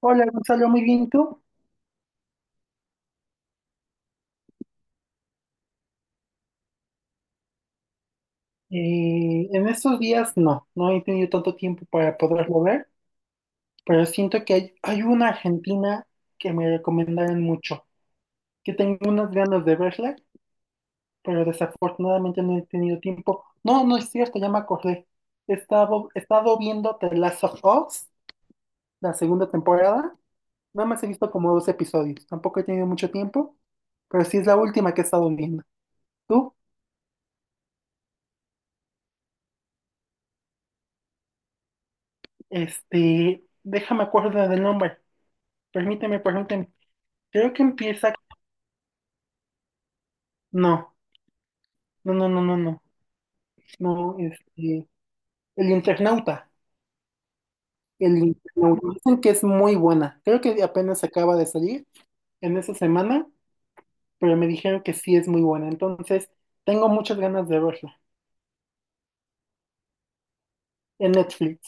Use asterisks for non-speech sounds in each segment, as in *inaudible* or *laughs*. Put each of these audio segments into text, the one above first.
Hola Gonzalo, muy bien, ¿tú? En estos días no, no he tenido tanto tiempo para poderlo ver, pero siento que hay una argentina que me recomendaron mucho, que tengo unas ganas de verla, pero desafortunadamente no he tenido tiempo. No, no es cierto, ya me acordé. He estado viendo The Last of Us, la segunda temporada, nada más he visto como dos episodios, tampoco he tenido mucho tiempo, pero sí es la última que he estado viendo. ¿Tú? Este, déjame acuerdo del nombre. Permíteme. Creo que empieza. No, no, no, no, no, no. No, este. El Internauta. El Internauta. Dicen que es muy buena. Creo que apenas acaba de salir en esa semana, pero me dijeron que sí es muy buena. Entonces, tengo muchas ganas de verla en Netflix.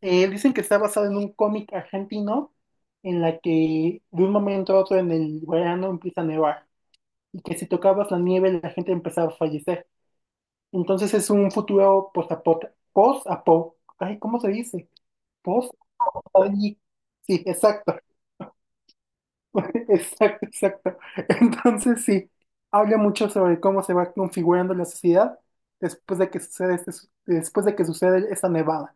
Dicen que está basado en un cómic argentino en la que de un momento a otro en el verano empieza a nevar y que si tocabas la nieve la gente empezaba a fallecer. Entonces es un futuro post-apo, ay, ¿cómo se dice? Post. Sí, exacto, *laughs* exacto, exacto. Entonces sí, habla mucho sobre cómo se va configurando la sociedad después de que después de que sucede esa nevada.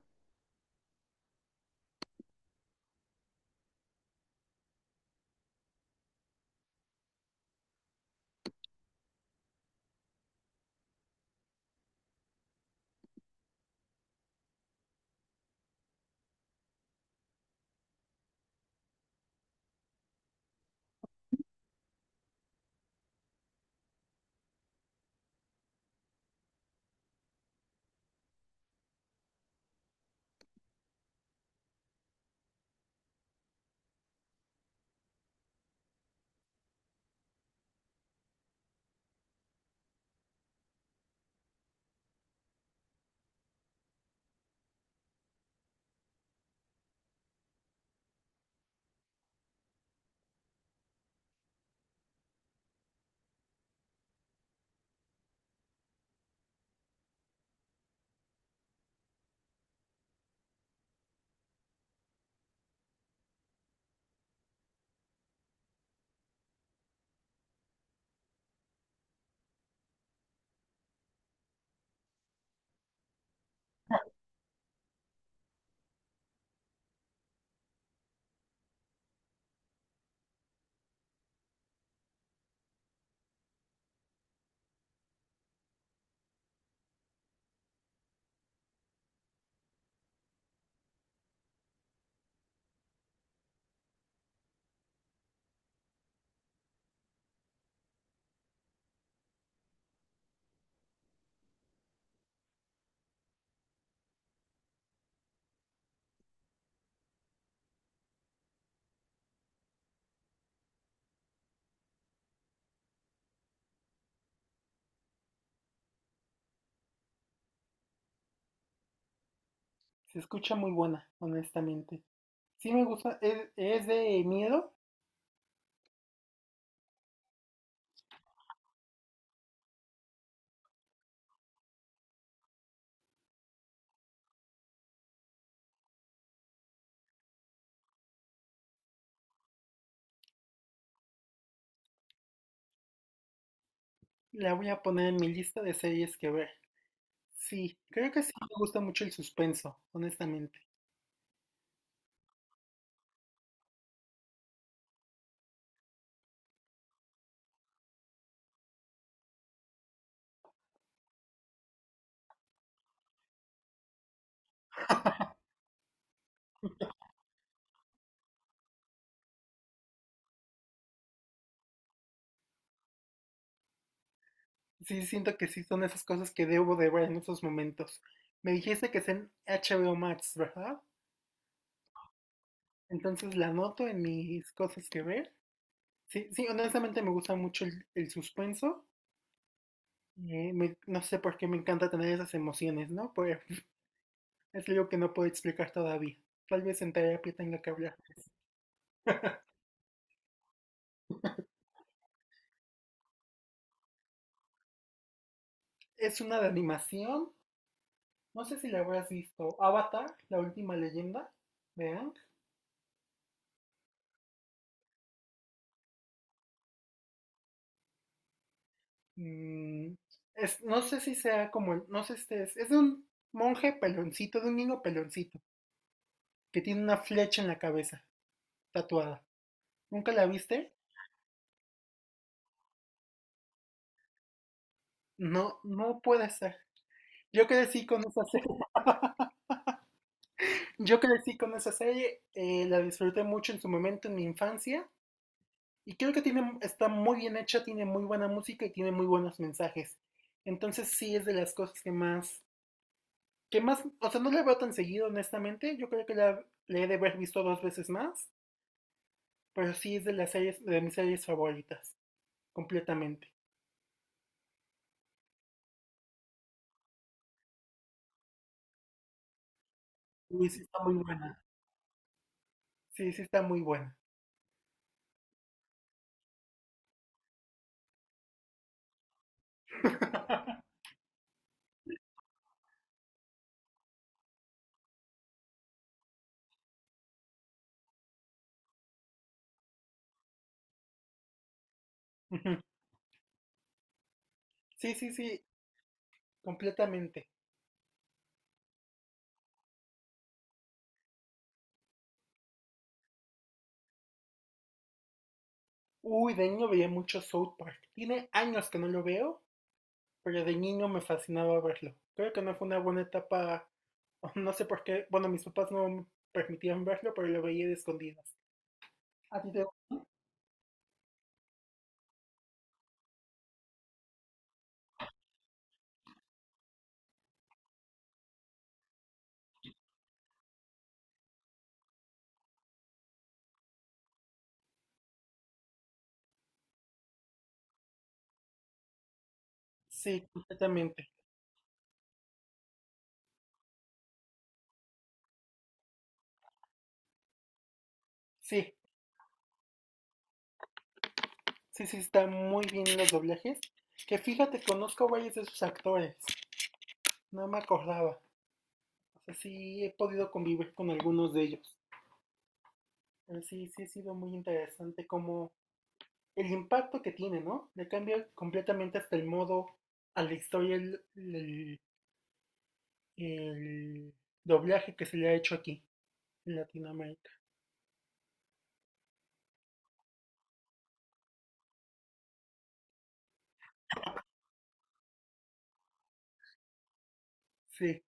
Se escucha muy buena, honestamente. Sí me gusta, es de miedo, la voy a poner en mi lista de series que ver. Sí, creo que sí me gusta mucho el suspenso, honestamente. *laughs* Sí siento que sí son esas cosas que debo de ver en esos momentos. Me dijiste que es en HBO Max, ¿verdad? Entonces la anoto en mis cosas que ver. Sí, sí, honestamente me gusta mucho el suspenso. No sé por qué me encanta tener esas emociones, ¿no? Pero *laughs* es algo que no puedo explicar todavía. Tal vez en terapia tenga que hablar de eso. Es una de animación. No sé si la habrás visto. Avatar, la última leyenda. ¿Vean? mm, no sé si sea como, no sé si es de un monje peloncito, de un niño peloncito, que tiene una flecha en la cabeza, tatuada. ¿Nunca la viste? No, no puede ser. Yo crecí con esa serie. *laughs* Yo crecí con esa serie, la disfruté mucho en su momento, en mi infancia, y creo que tiene, está muy bien hecha, tiene muy buena música y tiene muy buenos mensajes. Entonces sí es de las cosas que más, o sea, no la veo tan seguido, honestamente. Yo creo que la he de haber visto dos veces más. Pero sí es de las series, de mis series favoritas, completamente. Uy, sí está muy buena. Sí, sí está muy buena. *laughs* Ujú. Sí, sí, sí, completamente. Uy, de niño veía mucho South Park. Tiene años que no lo veo, pero de niño me fascinaba verlo. Creo que no fue una buena etapa, *laughs* no sé por qué. Bueno, mis papás no me permitían verlo, pero lo veía de escondidas. ¿A ti te gusta? Sí, completamente. Sí, sí, sí, está muy bien los doblajes. Que fíjate, conozco a varios de sus actores. No me acordaba. O sea, sí he podido convivir con algunos de ellos. Pero sí, sí ha sido muy interesante como el impacto que tiene, ¿no? Le cambia completamente hasta el modo a la historia el doblaje que se le ha hecho aquí en Latinoamérica. Sí,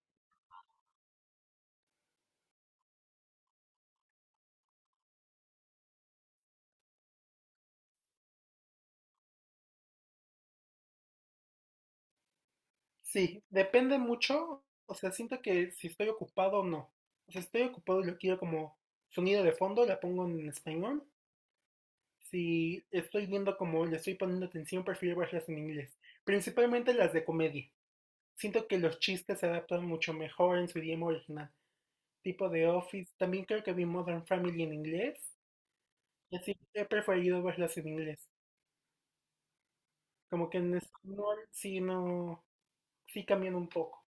sí, depende mucho. O sea, siento que si estoy ocupado o no. O sea, si estoy ocupado y lo quiero como sonido de fondo, la pongo en español. Si estoy viendo como le estoy poniendo atención, prefiero verlas en inglés. Principalmente las de comedia. Siento que los chistes se adaptan mucho mejor en su idioma original. Tipo de Office. También creo que vi Modern Family en inglés. Y así he preferido verlas en inglés. Como que en español sí no. Sí cambian un poco.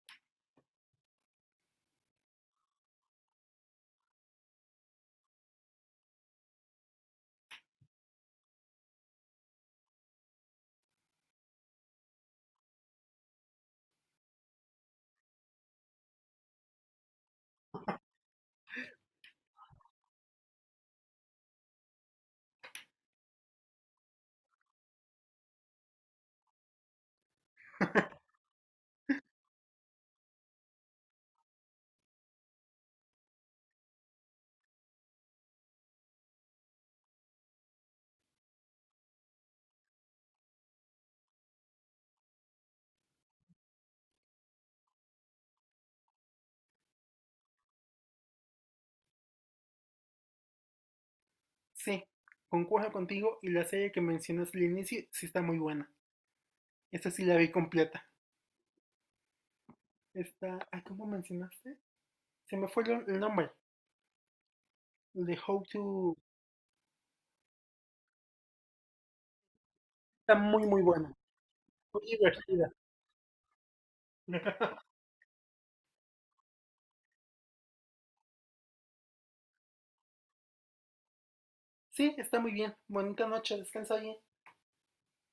Sí, concuerdo contigo. Y la serie que mencionaste al inicio sí está muy buena. Esta sí la vi completa. Esta. Ay, ¿cómo mencionaste? Se me fue el nombre. El de How to. Está muy, muy buena. Muy divertida. *laughs* Sí, está muy bien. Bonita noche, descansa bien.